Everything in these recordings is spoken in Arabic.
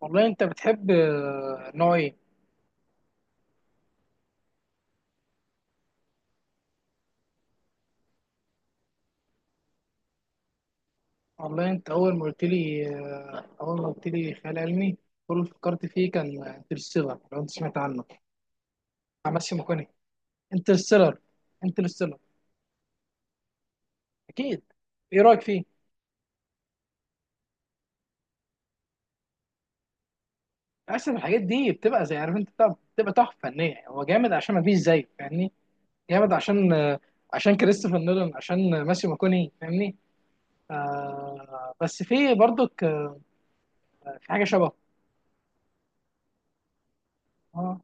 والله انت بتحب، نوع ايه؟ والله انت اول ما قلت لي آه، اول ما قلت لي خيال علمي. كل اللي فكرت فيه كان انترستيلر، لو انت سمعت عنه بتاع ماسيو ماكوني. انترستيلر. انترستيلر. اكيد. ايه رايك فيه؟ اصلا الحاجات دي بتبقى زي عارف انت بتبقى تحفه فنيه، هو جامد عشان ما فيش زيه، فاهمني. جامد عشان كريستوفر نولان، عشان ماسيو ماكوني، فاهمني. بس في برضك، في حاجه شبهه. آه.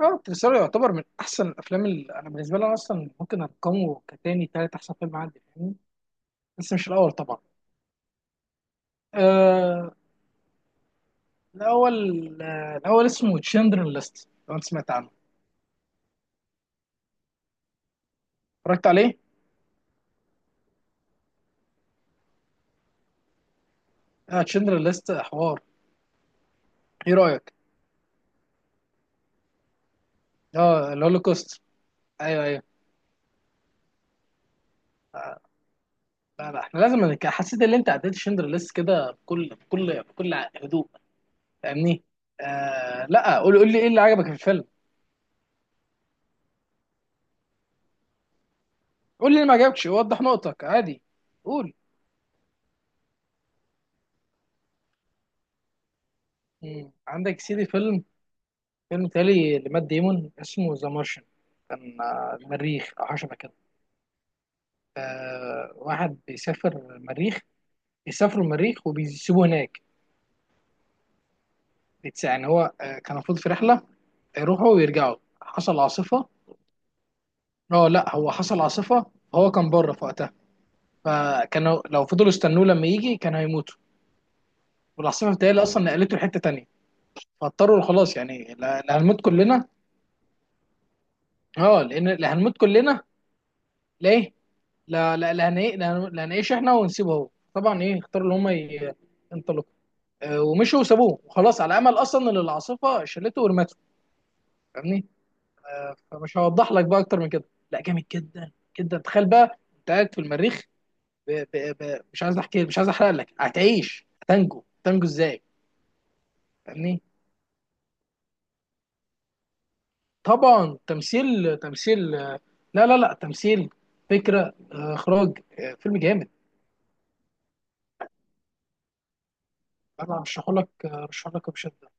اه، انترستيلر يعتبر من احسن الافلام اللي انا بالنسبه لي أنا اصلا ممكن ارقمه كتاني تالت احسن فيلم عندي، فاهمني. بس مش الاول طبعا. آه. الاول. الاول اسمه تشندر ليست، لو انت سمعت عنه. اتفرجت عليه. اه تشندر ليست، حوار. ايه رايك؟ اه الهولوكوست. ايوه ايوه. لا لا، احنا لازم حسيت ان انت عديت تشندر ليست كده بكل بكل بكل هدوء، فاهمني. لا، قول لي ايه اللي عجبك في الفيلم؟ قول لي اللي ما عجبكش، وضح نقطك عادي. قول. مم. عندك سيدي فيلم، فيلم تالي لمات ديمون اسمه ذا مارشن. كان، المريخ او حاجه شبه كده. آه واحد بيسافر المريخ، بيسافروا المريخ وبيسيبوه هناك. يعني هو كان المفروض في رحله يروحوا ويرجعوا. حصل عاصفه. اه لا، هو حصل عاصفه، هو كان بره في وقتها، فكانوا لو فضلوا استنوه لما يجي كانوا هيموتوا. والعاصفه بتاعي اصلا نقلته لحته تانيه، فاضطروا خلاص يعني، لا لا هنموت كلنا. اه لان لا هنموت كلنا. ليه؟ لا لا لا لا لا هنعيش احنا ونسيبه هو. طبعا، ايه، اختاروا اللي هم ينطلقوا. ومشوا وسابوه وخلاص، على امل اصلا ان العاصفه شلته ورمته. فاهمني. فمش هوضح لك بقى اكتر من كده. لا جامد جدا جدا. تخيل بقى انت قاعد في المريخ، مش عايز احكي، مش عايز احرق لك. هتعيش؟ هتنجو ازاي؟ فاهمني. طبعا تمثيل، لا لا لا تمثيل، فكره، اخراج، فيلم جامد. انا ارشحه لك بشده.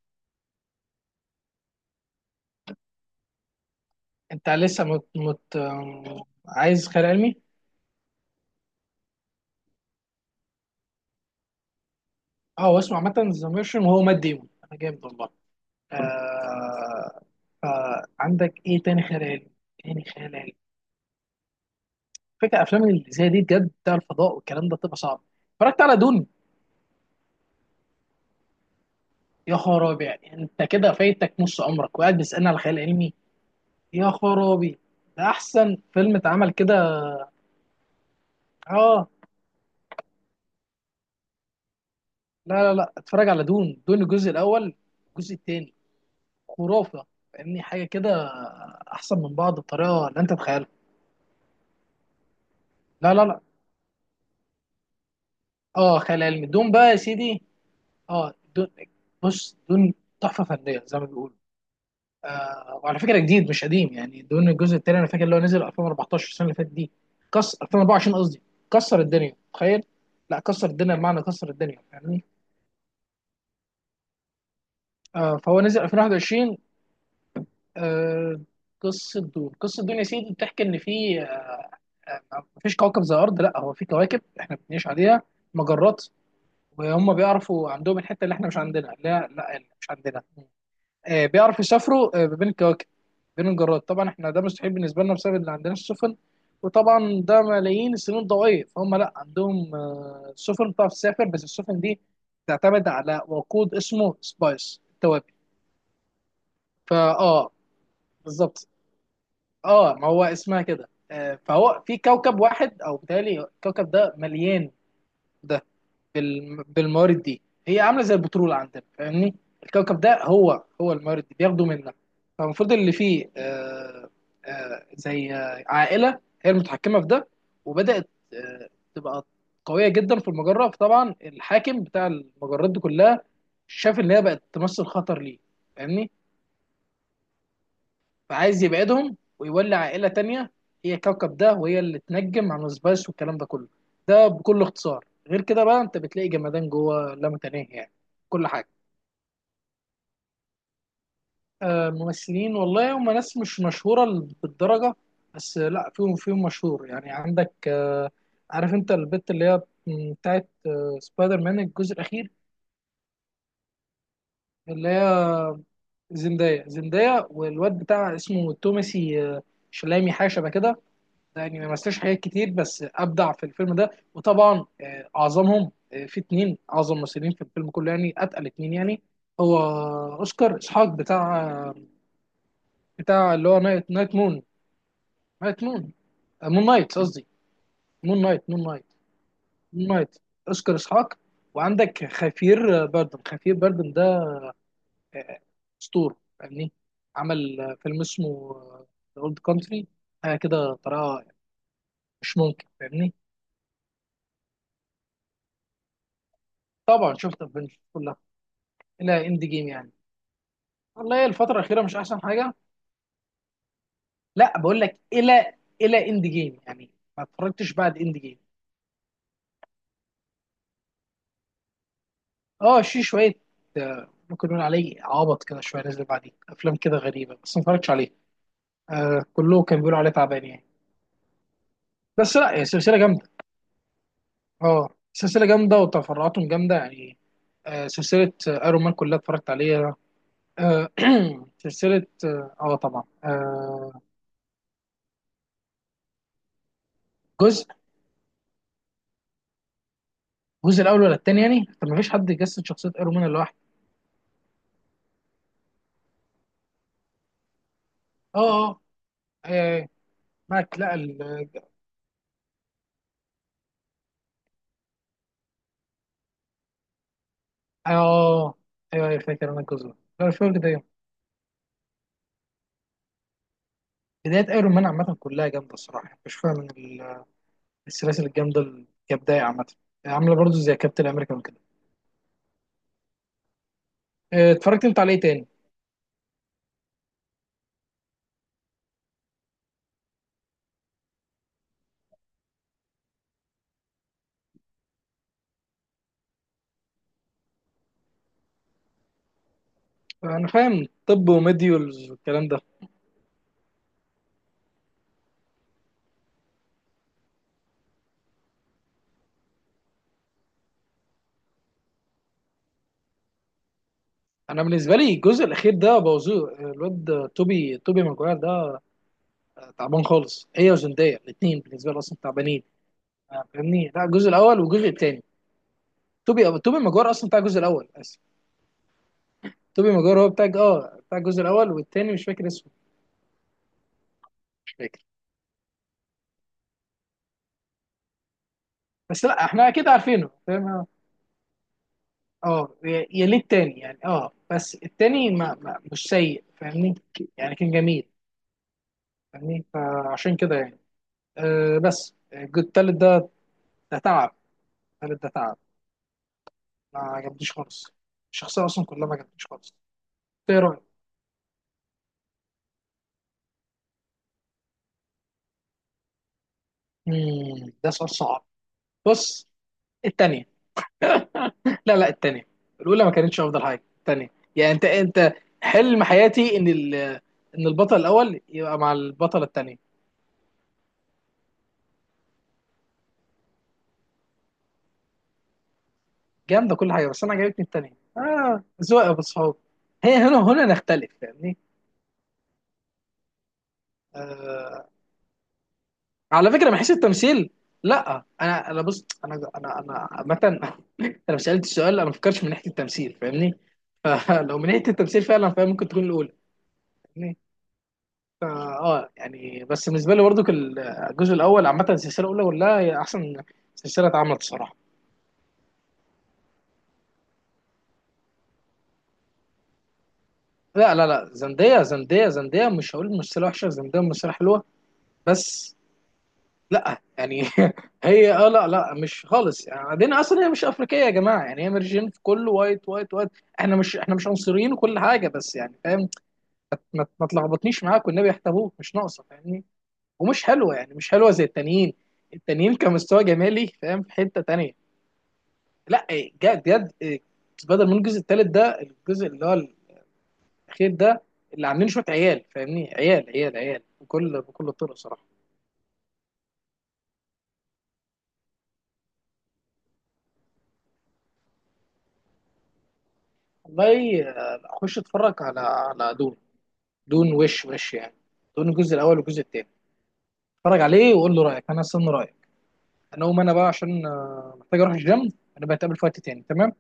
انت لسه مت... مت... آم، عايز خيال علمي. اه واسمه عامه ذا ميرشن، وهو مات ديمون، انا جامد والله. آه... فعندك ايه تاني خيال علمي؟ تاني خيال علمي. فكرة افلام اللي زي دي بجد، بتاع الفضاء والكلام ده بتبقى صعب. اتفرجت على دون؟ يا خرابي، يعني انت كده فايتك نص عمرك وقاعد بتسالني على خيال علمي؟ يا خرابي. ده احسن فيلم اتعمل كده. اه لا لا لا، اتفرج على دون الجزء الاول، الجزء الثاني، خرافه، فاهمني. حاجه كده احسن من بعض بطريقه لا انت تتخيلها. لا لا لا. اه خيال علمي، دون بقى يا سيدي. اه دون. بص، دون تحفه فنيه زي ما بيقولوا. وعلى فكره جديد مش قديم، يعني دون الجزء الثاني انا فاكر اللي هو نزل 2014، السنه اللي فاتت دي. كسر. 2024 قصدي. كسر الدنيا، تخيل. لا كسر الدنيا بمعنى كسر الدنيا، فاهمني. فهو نزل 2021. آه قصه دون، قصه دون يا سيدي بتحكي ان في، مفيش كوكب زي الارض، لا هو في كواكب احنا بنعيش عليها، مجرات. وهم بيعرفوا، عندهم الحته اللي احنا مش عندنا اللي هي لا اللي مش عندنا، بيعرفوا يسافروا ما بين الكواكب، بين المجرات. طبعا احنا ده مستحيل بالنسبه لنا بسبب اللي عندنا السفن، وطبعا ده ملايين السنين الضوئيه. فهم لا عندهم، سفن بتعرف تسافر، بس السفن دي تعتمد على وقود اسمه سبايس، التوابل. فا اه بالظبط. اه ما هو اسمها كده، فهو في كوكب واحد او بالتالي الكوكب ده مليان بالموارد دي، هي عامله زي البترول عندنا، فاهمني. الكوكب ده هو، هو الموارد دي بياخدوا منها. فالمفروض اللي فيه، زي عائله هي المتحكمه في ده، وبدات تبقى قويه جدا في المجره. فطبعا الحاكم بتاع المجرات دي كلها شاف ان هي بقت تمثل خطر ليه، فاهمني. فعايز يبعدهم ويولي عائلة تانية هي الكوكب ده، وهي اللي تنجم عن السبايس والكلام ده كله. ده بكل اختصار، غير كده بقى انت بتلاقي جمدان جوه لا متناهي يعني، كل حاجة. ممثلين والله هم ناس مش مشهورة بالدرجة، بس لا فيهم مشهور يعني. عندك، عارف انت البت اللي هي بتاعت سبايدر مان الجزء الأخير، اللي هي زندايا، والواد بتاع اسمه توماسي شلامي حاجة شبه كده. يعني ما مثلش حاجات كتير بس ابدع في الفيلم ده. وطبعا اعظمهم، في اتنين اعظم ممثلين في الفيلم كله يعني، اتقل اتنين يعني. هو اوسكار اسحاق، بتاع اللي هو نايت مون، نايت مون، مون نايت قصدي. مون نايت. مون نايت. مون نايت. اوسكار اسحاق. وعندك خفير، بردن، خفير بردن ده، آه، اسطوره يعني. عمل فيلم اسمه ذا اولد كونتري، حاجه كده طريقه مش ممكن، فاهمني. طبعا شفت افنجرز كلها الى اند جيم يعني، والله الفترة الأخيرة مش أحسن حاجة. لا بقول لك إلى، إلى إند جيم يعني، ما اتفرجتش بعد إند جيم. أه في شوية، ممكن نقول عليه عبط كده شوية، نزل بعديه أفلام كده غريبة بس ما اتفرجتش عليه. كله كان بيقولوا عليه تعبان يعني. بس لا هي سلسلة جامدة، أه سلسلة جامدة وتفرعاتهم جامدة يعني. سلسلة أيرون مان كلها اتفرجت عليها. آه سلسلة أه آه، طبعا جزء. الجزء الأول ولا التاني يعني، طب ما فيش حد يجسد شخصية أيرون مان لوحده. أه. أه. آه، معك لا ال اه، ايوه ايوه، فاكر انا الجزء ده. لا مش فاكر ده ايه. بداية ايرون مان عامة كلها جامدة الصراحة يعني، مش فاهم من السلاسل الجامدة كبداية عامة، عاملة برضو زي كابتن امريكا وكده. اتفرجت انت عليه تاني؟ انا فاهم. طب وميديولز والكلام ده. انا بالنسبة لي الجزء الاخير ده بوظوه، الواد توبي ماجواير ده تعبان خالص، هي وزندية الاتنين بالنسبة لي اصلا تعبانين. فاهمني. لا الجزء الاول والجزء التاني توبي ماجواير اصلا بتاع الجزء الاول. اسف. توبي ماجواير هو بتاع، اه بتاع الجزء الاول والتاني، مش فاكر اسمه. مش فاكر. بس لا احنا اكيد عارفينه، فاهم. اه يا ليه التاني يعني، اه بس التاني ما مش سيء، فاهمني. يعني كان جميل، فاهمني، فعشان كده يعني. بس الجزء التالت ده، ده تعب. التالت ده تعب، ما عجبنيش خالص. الشخصية أصلا كلها ما عجبتنيش خالص. إيه رأيك؟ مم، ده سؤال صعب. بص. التانية. لا لا التانية. الأولى ما كانتش أفضل حاجة، التانية يعني أنت. حلم حياتي إن البطل الأول يبقى مع البطلة التانية، جامدة كل حاجة. بس أنا عجبتني التانية، ذوق يا أبو الصحاب. هي هنا نختلف، فاهمني. آه على فكرة من حيث التمثيل، لا أنا بص، أنا عامة أنا مش سألت السؤال، أنا ما فكرتش من ناحية التمثيل، فاهمني. فلو من ناحية التمثيل فعلا فهي ممكن تكون الأولى. فا اه يعني بس بالنسبه لي برضو الجزء الاول، عامه السلسله الاولى كلها هي احسن سلسله اتعملت الصراحه. لا لا لا، زندية، زندية، زندية، مش هقول ممثلة وحشة، زندية ممثلة حلوة بس. لا يعني هي لا لا مش خالص يعني، بعدين اصلا هي مش افريقية يا جماعة، يعني هي مرجين في كله وايت وايت وايت. احنا مش عنصريين وكل حاجة، بس يعني فاهم. ما تلخبطنيش معاك والنبي، يحتبوك مش ناقصة، فاهمني. ومش حلوة، يعني مش حلوة زي التانيين، التانيين كمستوى جمالي فاهم، في حتة تانية. لا، جد جد. سبايدر مان الجزء الثالث ده، الجزء اللي هو الاخير ده، اللي عاملين شويه عيال، فاهمني. عيال عيال عيال بكل بكل الطرق صراحه. والله، اخش اتفرج على دون. دون وش يعني دون الجزء الاول والجزء الثاني. اتفرج عليه وقول له رايك، انا استنى رايك. انا اقوم انا بقى عشان محتاج اروح الجيم. انا بتقابل في وقت تاني، تمام.